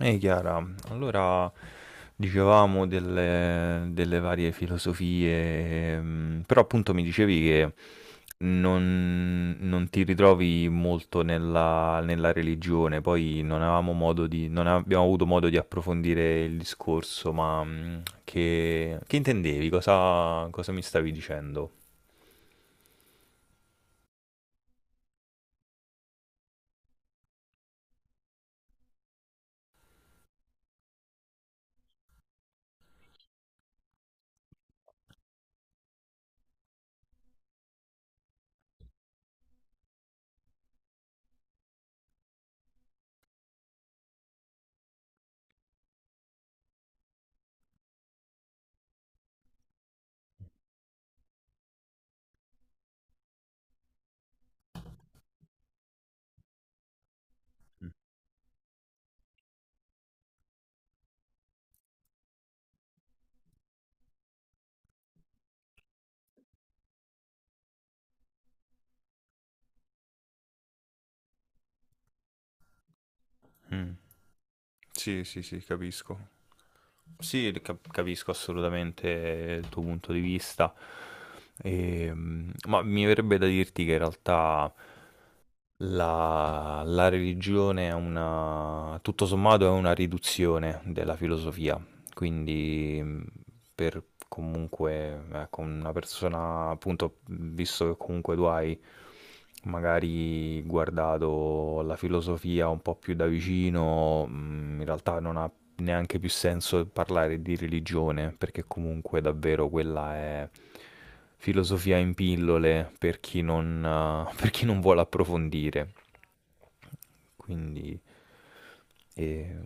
Ehi Chiara, allora dicevamo delle varie filosofie, però appunto mi dicevi che non ti ritrovi molto nella religione, poi non abbiamo avuto modo di approfondire il discorso, ma che intendevi? Cosa mi stavi dicendo? Mm. Sì, sì, sì, capisco. Sì, capisco assolutamente il tuo punto di vista. Ma mi verrebbe da dirti che in realtà la religione è una, tutto sommato è una riduzione della filosofia, quindi per comunque, ecco, una persona, appunto, visto che comunque tu hai magari guardato la filosofia un po' più da vicino, in realtà non ha neanche più senso parlare di religione, perché comunque davvero quella è filosofia in pillole per chi non vuole approfondire. Quindi, eh,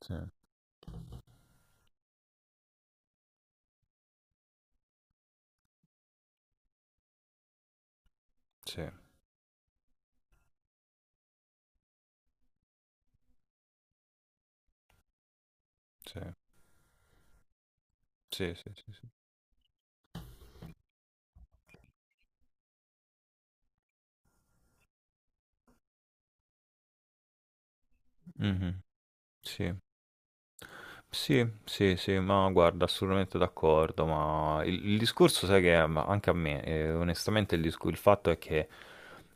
sì, sì, sì, sì, sì, sì, sì. Mhm, sì. Sì, sì, sì, ma guarda, assolutamente d'accordo, ma il discorso, sai che è, ma anche a me, onestamente, il fatto è che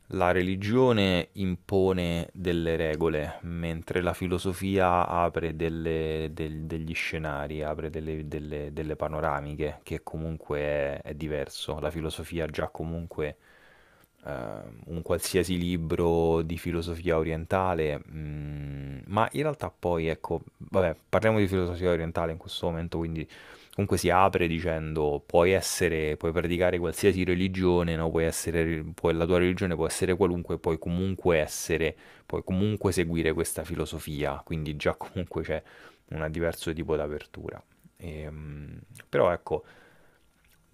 la religione impone delle regole, mentre la filosofia apre degli scenari, apre delle panoramiche, che comunque è diverso. La filosofia già comunque eh, un qualsiasi libro di filosofia orientale, ma in realtà poi, ecco, vabbè, parliamo di filosofia orientale in questo momento, quindi comunque si apre dicendo puoi essere, puoi praticare qualsiasi religione, no? Puoi essere, la tua religione può essere qualunque, puoi comunque essere, puoi comunque seguire questa filosofia, quindi già comunque c'è un diverso tipo d'apertura. Ehm, Però ecco,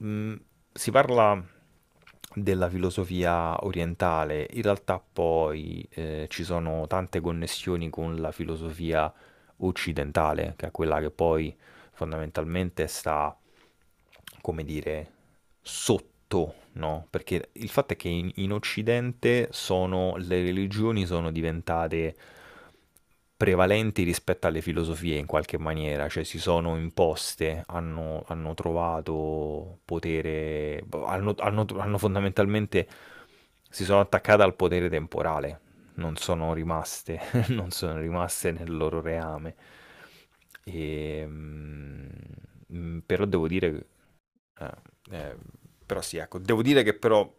Mm, si parla della filosofia orientale, in realtà poi ci sono tante connessioni con la filosofia occidentale, che è quella che poi fondamentalmente sta come dire, sotto, no? Perché il fatto è che in, in Occidente sono, le religioni sono diventate prevalenti rispetto alle filosofie in qualche maniera, cioè si sono imposte, hanno trovato potere, hanno fondamentalmente si sono attaccate al potere temporale, non sono rimaste non sono rimaste nel loro reame. E, però devo dire, eh, eh, però sì, ecco, devo dire che però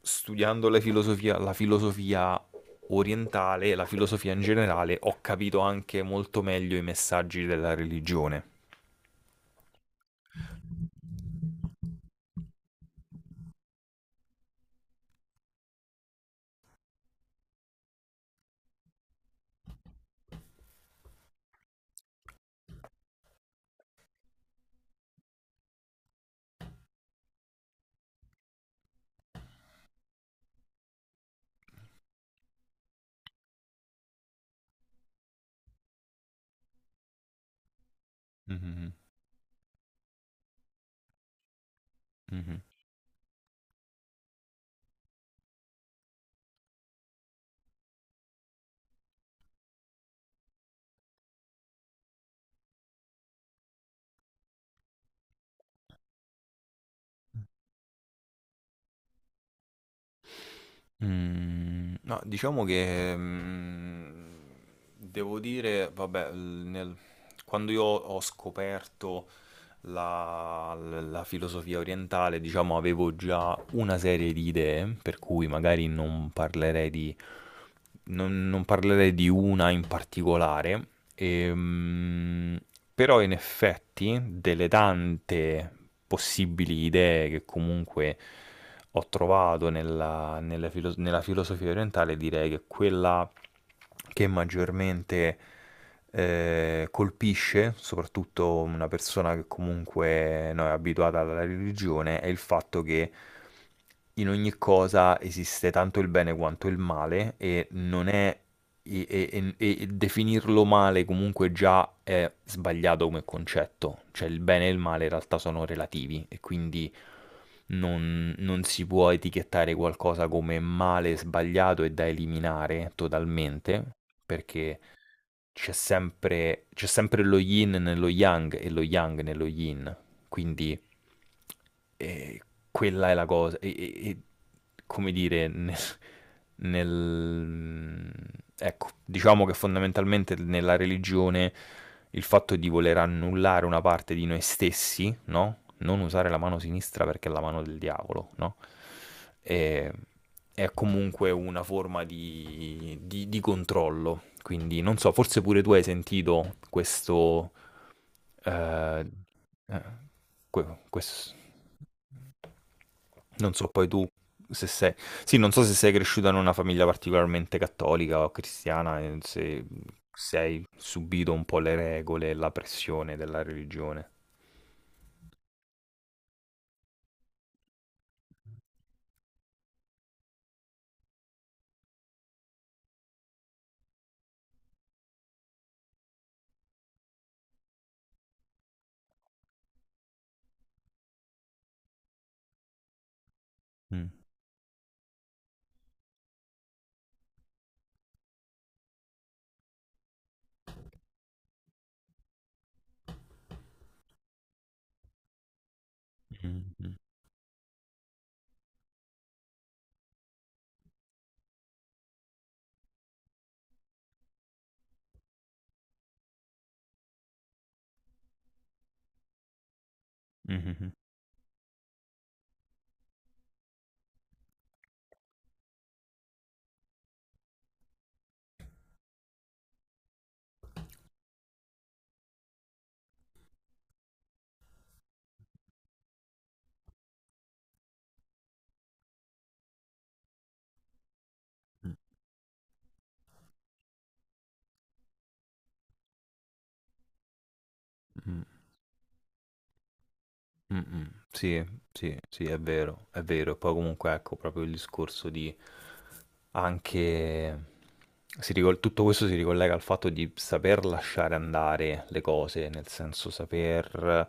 studiando la filosofia orientale e la filosofia in generale ho capito anche molto meglio i messaggi della religione. Mhm, mhm. Mm, no, diciamo che devo dire, vabbè, quando io ho scoperto la filosofia orientale, diciamo, avevo già una serie di idee, per cui magari non parlerei di una in particolare, ehm, però in effetti delle tante possibili idee che comunque ho trovato nella filosofia orientale, direi che quella che maggiormente colpisce soprattutto una persona che comunque no, è abituata alla religione è il fatto che in ogni cosa esiste tanto il bene quanto il male e non è e definirlo male comunque già è sbagliato come concetto, cioè il bene e il male in realtà sono relativi e quindi non si può etichettare qualcosa come male sbagliato e da eliminare totalmente, perché c'è sempre lo yin nello yang e lo yang nello yin. Quindi eh, quella è la cosa. Come dire, nel- ecco, diciamo che fondamentalmente nella religione il fatto di voler annullare una parte di noi stessi, no? Non usare la mano sinistra perché è la mano del diavolo, no? E- è comunque una forma di, di controllo. Quindi non so, forse pure tu hai sentito questo... eh, eh, questo non so poi tu se sei... Sì, non so se sei cresciuta in una famiglia particolarmente cattolica o cristiana, e se, se hai subito un po' le regole e la pressione della religione. Mm, mm, mm, mm, mm, mm, mm. Mm, mm. Sì, sì, sì, è vero, è vero. E poi comunque ecco proprio il discorso di anche... tutto questo si ricollega al fatto di saper lasciare andare le cose, nel senso saper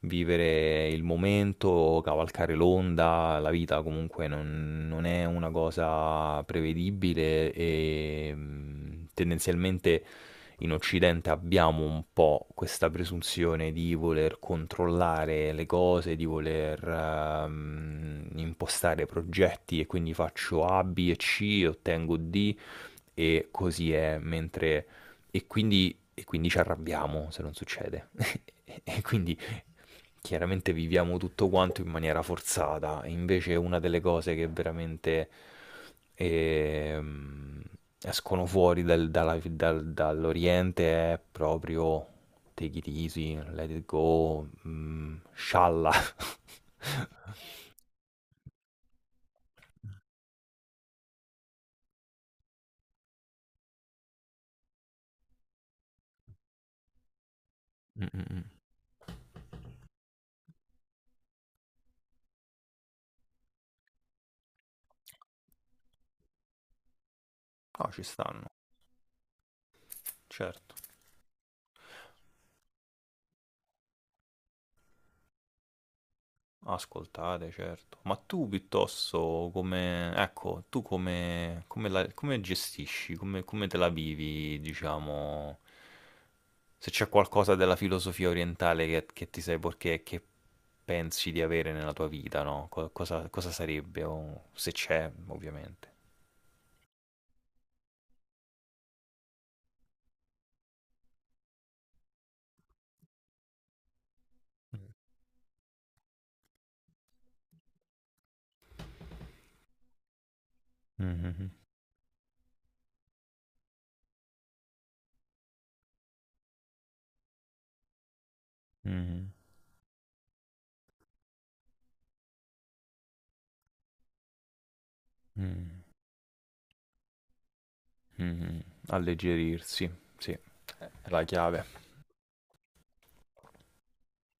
vivere il momento, cavalcare l'onda, la vita comunque non è una cosa prevedibile e tendenzialmente in Occidente abbiamo un po' questa presunzione di voler controllare le cose, di voler impostare progetti e quindi faccio A, B e C, ottengo D e così è, mentre... e quindi ci arrabbiamo se non succede. E quindi chiaramente viviamo tutto quanto in maniera forzata, e invece una delle cose che veramente ehm, escono fuori dall'Oriente è proprio take it easy, let it go, scialla. Mm, mm, mm. No, ci stanno, certo. Ascoltare, certo. Ma tu piuttosto come, ecco, tu come, come gestisci, come te la vivi, diciamo, se c'è qualcosa della filosofia orientale che ti sei perché che pensi di avere nella tua vita, no? Cosa, cosa sarebbe, o se c'è, ovviamente. Mm. Mhm, mhm, mhm, mhm. Alleggerirsi, sì, è la chiave.